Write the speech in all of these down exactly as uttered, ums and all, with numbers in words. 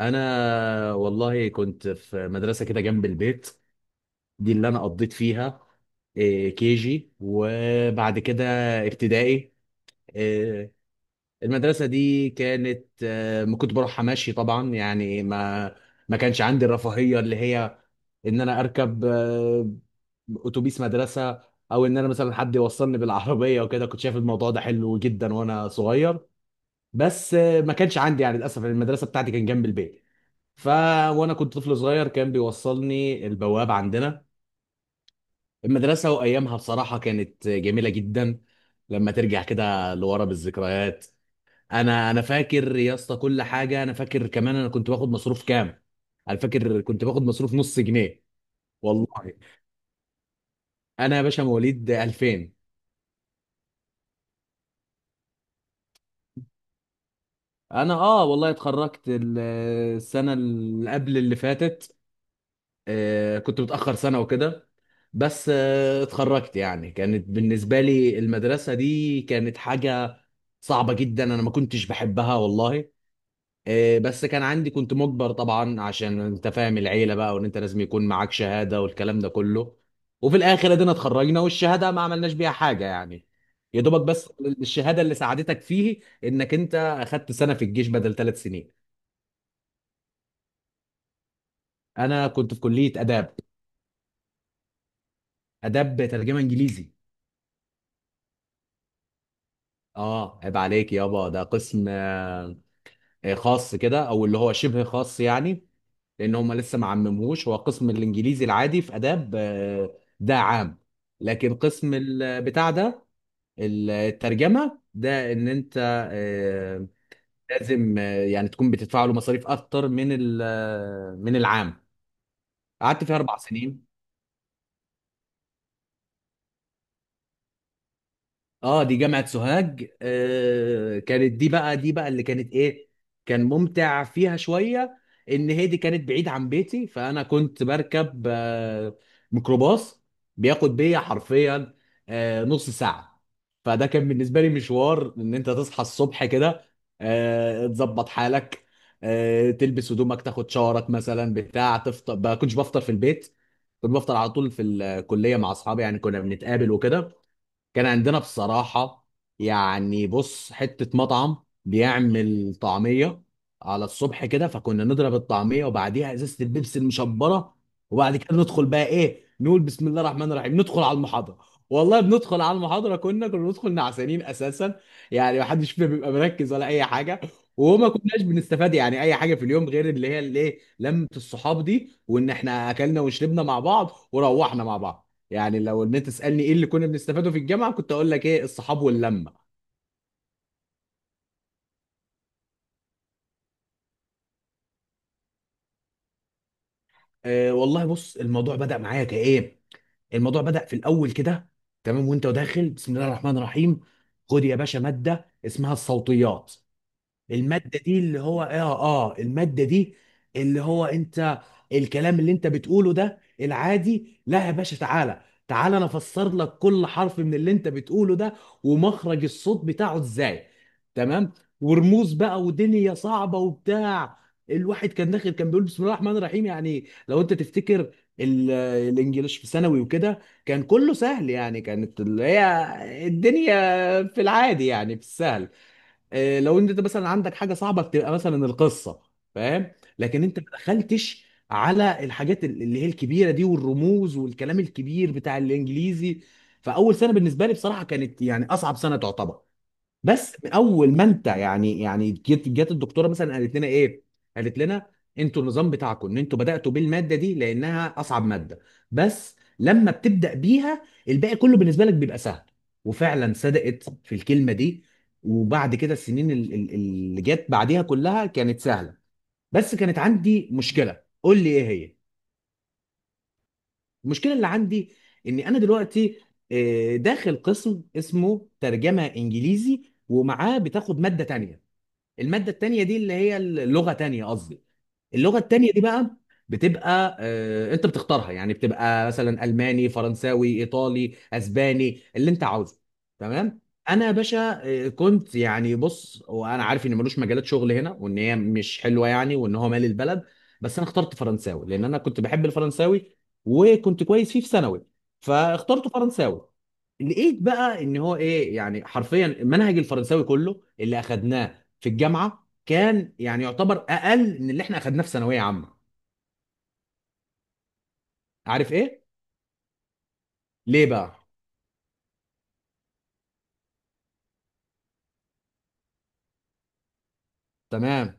انا والله كنت في مدرسه كده جنب البيت. دي اللي انا قضيت فيها. آه، كي جي وبعد كده ابتدائي. إيه، المدرسه دي كانت، آه، ما كنت بروحها ماشي طبعا، يعني ما ما كانش عندي الرفاهيه اللي هي ان انا اركب، آه، اتوبيس مدرسه، او ان انا مثلا حد يوصلني بالعربيه وكده. كنت شايف الموضوع ده حلو جدا وانا صغير. بس آه، ما كانش عندي، يعني للاسف المدرسه بتاعتي كان جنب البيت، ف وانا كنت طفل صغير كان بيوصلني البواب عندنا المدرسه. وايامها بصراحه كانت جميله جدا، لما ترجع كده لورا بالذكريات. انا انا فاكر يا اسطى كل حاجه، انا فاكر كمان انا كنت باخد مصروف كام؟ انا فاكر كنت باخد مصروف نص جنيه والله. انا يا باشا مواليد ألفين. انا اه والله اتخرجت ال- السنه اللي قبل اللي فاتت. آه، كنت متأخر سنة وكده. بس آه، اتخرجت، يعني كانت بالنسبة لي المدرسة دي كانت حاجة صعبة جدا، أنا ما كنتش بحبها والله. آه، بس كان عندي، كنت مجبر طبعا عشان أنت فاهم، العيلة بقى وإن أنت لازم يكون معاك شهادة والكلام ده كله. وفي الآخر أدينا اتخرجنا، والشهادة ما عملناش بيها حاجة يعني، يا دوبك بس. الشهادة اللي ساعدتك فيه إنك أنت أخدت سنة في الجيش بدل ثلاث سنين. أنا كنت في كلية آداب. آداب ترجمة إنجليزي. اه عيب عليك يابا، ده قسم آه، خاص كده، او اللي هو شبه خاص يعني. لان هم لسه ما عمموش، هو قسم الانجليزي العادي في اداب، آه، ده عام. لكن قسم ال- بتاع ده، الترجمه ده، ان انت آه، لازم آه، يعني تكون بتدفع له مصاريف اكتر من ال- آه، من العام. قعدت فيها اربع سنين. اه دي جامعة سوهاج. آه كانت دي بقى دي بقى اللي كانت ايه، كان ممتع فيها شوية. ان هي دي كانت بعيد عن بيتي، فانا كنت بركب آه ميكروباص، بياخد بيا حرفيا آه نص ساعة. فده كان بالنسبة لي مشوار، ان انت تصحى الصبح كده، آه تظبط حالك، آه تلبس هدومك، تاخد شاورك مثلا، بتاع تفطر. ما كنتش بفطر في البيت، كنت بفطر على طول في الكلية مع اصحابي، يعني كنا بنتقابل وكده. كان عندنا بصراحة، يعني بص، حتة مطعم بيعمل طعمية على الصبح كده، فكنا نضرب الطعمية وبعديها ازازة البيبسي المشبرة. وبعد كده ندخل بقى ايه، نقول بسم الله الرحمن الرحيم، ندخل على المحاضرة. والله بندخل على المحاضرة كنا كنا ندخل نعسانين اساسا، يعني محدش فينا بيبقى مركز ولا اي حاجة. وما كناش بنستفاد يعني اي حاجة في اليوم، غير اللي هي الايه، لمة الصحاب دي، وان احنا اكلنا وشربنا مع بعض وروحنا مع بعض. يعني لو ان انت تسالني ايه اللي كنا بنستفاده في الجامعه، كنت اقول لك ايه، الصحاب واللمه. أه والله بص، الموضوع بدا معايا كايه، الموضوع بدأ في الأول كده. تمام، وأنت داخل بسم الله الرحمن الرحيم، خد يا باشا مادة اسمها الصوتيات. المادة دي اللي هو اه اه المادة دي اللي هو انت، الكلام اللي انت بتقوله ده العادي، لا يا باشا، تعالى تعالى انا افسر لك كل حرف من اللي انت بتقوله ده، ومخرج الصوت بتاعه ازاي، تمام، ورموز بقى ودنيا صعبة وبتاع. الواحد كان داخل كان بيقول بسم الله الرحمن الرحيم. يعني لو انت تفتكر ال- الانجليش في ثانوي وكده، كان كله سهل، يعني كانت اللي هي الدنيا في العادي، يعني في السهل. آه، لو انت مثلا عندك حاجه صعبه، بتبقى مثلا القصه، فاهم؟ لكن انت ما دخلتش على الحاجات اللي هي الكبيره دي، والرموز والكلام الكبير بتاع الانجليزي. فاول سنه بالنسبه لي بصراحه كانت يعني اصعب سنه تعتبر. بس من اول ما انت يعني يعني جت جت الدكتوره مثلا قالت لنا ايه؟ قالت لنا انتوا النظام بتاعكم ان انتوا بداتوا بالماده دي لانها اصعب ماده، بس لما بتبدا بيها الباقي كله بالنسبه لك بيبقى سهل. وفعلا صدقت في الكلمه دي. وبعد كده السنين ال- ال- اللي جت بعديها كلها كانت سهله. بس كانت عندي مشكله، قول لي ايه هي؟ المشكله اللي عندي اني انا دلوقتي آه، داخل قسم اسمه ترجمه انجليزي، ومعاه بتاخد ماده تانيه. الماده التانيه دي اللي هي اللغه تانيه قصدي. اللغه التانيه دي بقى بتبقى، آه، انت بتختارها، يعني بتبقى مثلا الماني، فرنساوي، ايطالي، اسباني، اللي انت عاوزه. تمام. انا يا باشا آه، كنت، يعني بص، وانا عارف ان ملوش مجالات شغل هنا، وان هي مش حلوه يعني، وان هو مال البلد، بس انا اخترت فرنساوي لان انا كنت بحب الفرنساوي، وكنت كويس فيه في ثانوي، فاخترت فرنساوي. لقيت بقى ان هو ايه، يعني حرفيا منهج الفرنساوي كله اللي اخدناه في الجامعه كان يعني يعتبر اقل من اللي احنا اخدناه في ثانويه عامه. عارف ايه؟ ليه بقى؟ تمام.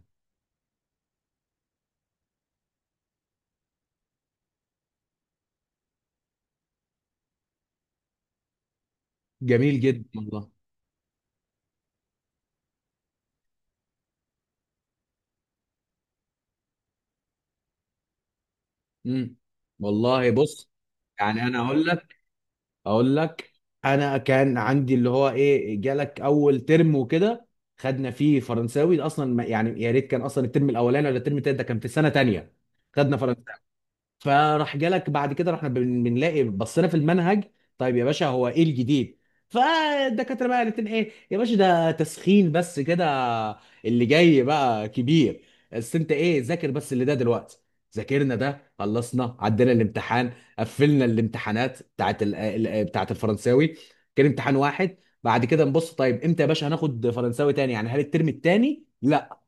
جميل جدا والله. امم والله بص، يعني انا اقول لك اقول لك انا كان عندي اللي هو ايه، جالك اول ترم وكده، خدنا فيه فرنساوي، ده اصلا ما- يعني يا ريت كان، اصلا الترم الاولاني ولا الترم التاني، ده كان في سنه تانيه. خدنا فرنساوي، فراح جالك بعد كده، رحنا بن- بنلاقي، بصينا في المنهج، طيب يا باشا هو ايه الجديد؟ فالدكاتره بقى قالت لنا ايه يا باشا، ده تسخين بس كده، اللي جاي بقى كبير، بس انت ايه، ذاكر بس اللي ده دلوقتي. ذاكرنا ده، خلصنا، عدينا الامتحان، قفلنا الامتحانات بتاعت ال- ال- بتاعت الفرنساوي، كان امتحان واحد. بعد كده نبص، طيب امتى يا باشا هناخد فرنساوي تاني؟ يعني هل الترم التاني؟ لا.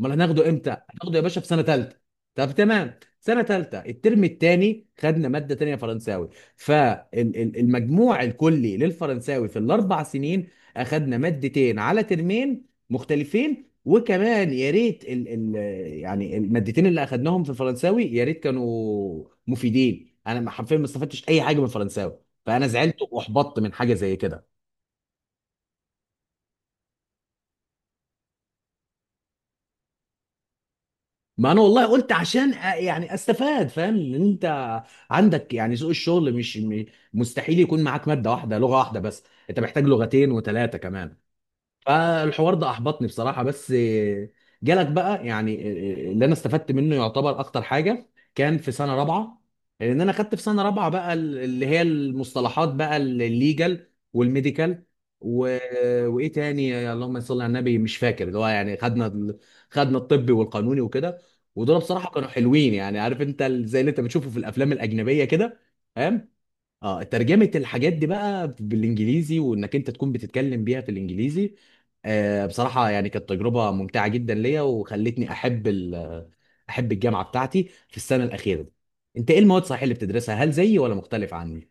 امال هناخده امتى؟ هناخده يا باشا في سنه ثالثه. طب تمام، سنه ثالثه الترم الثاني خدنا ماده تانية فرنساوي. فالمجموع الكلي للفرنساوي في الاربع سنين اخدنا مادتين على ترمين مختلفين. وكمان يا ريت ال ال يعني المادتين اللي اخدناهم في الفرنساوي يا ريت كانوا مفيدين. انا حرفيا ما استفدتش اي حاجه من الفرنساوي، فانا زعلت واحبطت من حاجه زي كده. ما انا والله قلت عشان أ- يعني استفاد، فاهم ان انت عندك يعني سوق الشغل مش م- مستحيل يكون معاك ماده واحده، لغه واحده بس، انت محتاج لغتين وثلاثه كمان. فالحوار ده احبطني بصراحه. بس جالك بقى يعني، اللي انا استفدت منه يعتبر اكتر حاجه كان في سنه رابعه. لان انا خدت في سنه رابعه بقى اللي هي المصطلحات، بقى الليجل والميديكال و... وايه تاني، اللهم صل على النبي، مش فاكر، اللي هو يعني خدنا ال- خدنا الطبي والقانوني وكده. ودول بصراحه كانوا حلوين، يعني عارف انت ال- زي اللي انت بتشوفه في الافلام الاجنبيه كده، فاهم؟ اه، ترجمة الحاجات دي بقى بالانجليزي، وانك انت تكون بتتكلم بيها في الانجليزي. آه بصراحة يعني كانت تجربة ممتعة جدا ليا، وخلتني احب ال- احب الجامعة بتاعتي في السنة الأخيرة دي. انت ايه المواد صحيح اللي بتدرسها، هل زيي ولا مختلف عني؟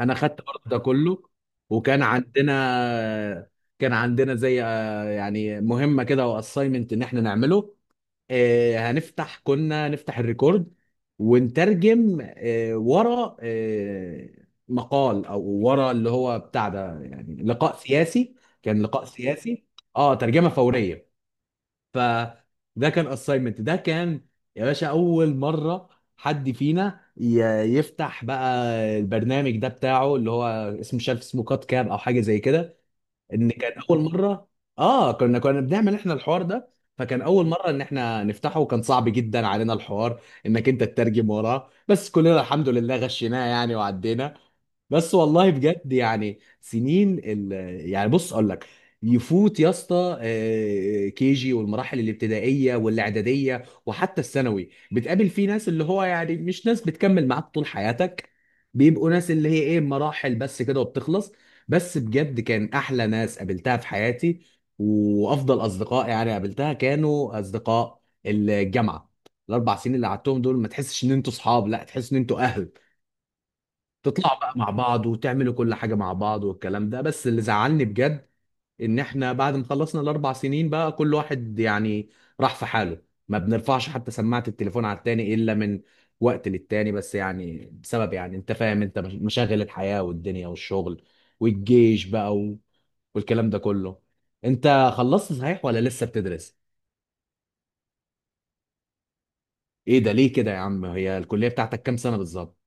انا خدت برضه ده كله. وكان عندنا كان عندنا زي آه، يعني مهمة كده، واساينمنت ان احنا نعمله. آه، هنفتح كنا نفتح الريكورد، ونترجم آه، ورا آه، مقال، او ورا اللي هو بتاع ده، يعني لقاء سياسي. كان لقاء سياسي، اه ترجمة فورية. فده كان اساينمنت، ده كان يا باشا اول مرة حد فينا ي- يفتح بقى البرنامج ده بتاعه، اللي هو اسمه مش عارف اسمه، كات كاب او حاجة زي كده. ان كان اول مره، اه كنا كنا بنعمل احنا الحوار ده. فكان اول مره ان احنا نفتحه، وكان صعب جدا علينا الحوار انك انت تترجم وراه، بس كلنا الحمد لله غشيناه يعني وعدينا. بس والله بجد يعني، سنين ال... يعني بص اقول لك، يفوت يا اسطى آه، كي جي والمراحل الابتدائيه والاعداديه وحتى الثانوي، بتقابل فيه ناس اللي هو يعني مش ناس بتكمل معاك طول حياتك، بيبقوا ناس اللي هي ايه، مراحل بس كده وبتخلص. بس بجد كان احلى ناس قابلتها في حياتي، وافضل اصدقاء يعني قابلتها كانوا اصدقاء الجامعه. الاربع سنين اللي قعدتهم دول ما تحسش ان انتوا صحاب، لا تحس ان انتوا اهل، تطلعوا بقى مع بعض وتعملوا كل حاجة مع بعض والكلام ده. بس اللي زعلني بجد ان احنا بعد ما خلصنا الاربع سنين بقى كل واحد يعني راح في حاله، ما بنرفعش حتى سماعة التليفون على التاني الا من وقت للتاني، بس يعني بسبب يعني انت فاهم، انت مش- مشاغل الحياة والدنيا والشغل والجيش بقى و... والكلام ده كله. انت خلصت صحيح ولا لسه بتدرس؟ ايه ده، ليه كده يا عم؟ هي الكلية بتاعتك كام سنة بالظبط؟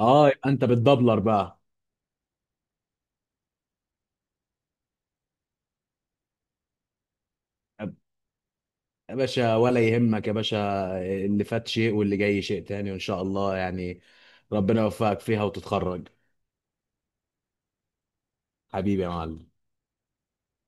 اه، يبقى انت بتدبلر بقى. يا باشا ولا يهمك يا باشا، اللي فات شيء واللي جاي شيء تاني، وإن شاء الله يعني ربنا يوفقك فيها وتتخرج. حبيبي يا معلم.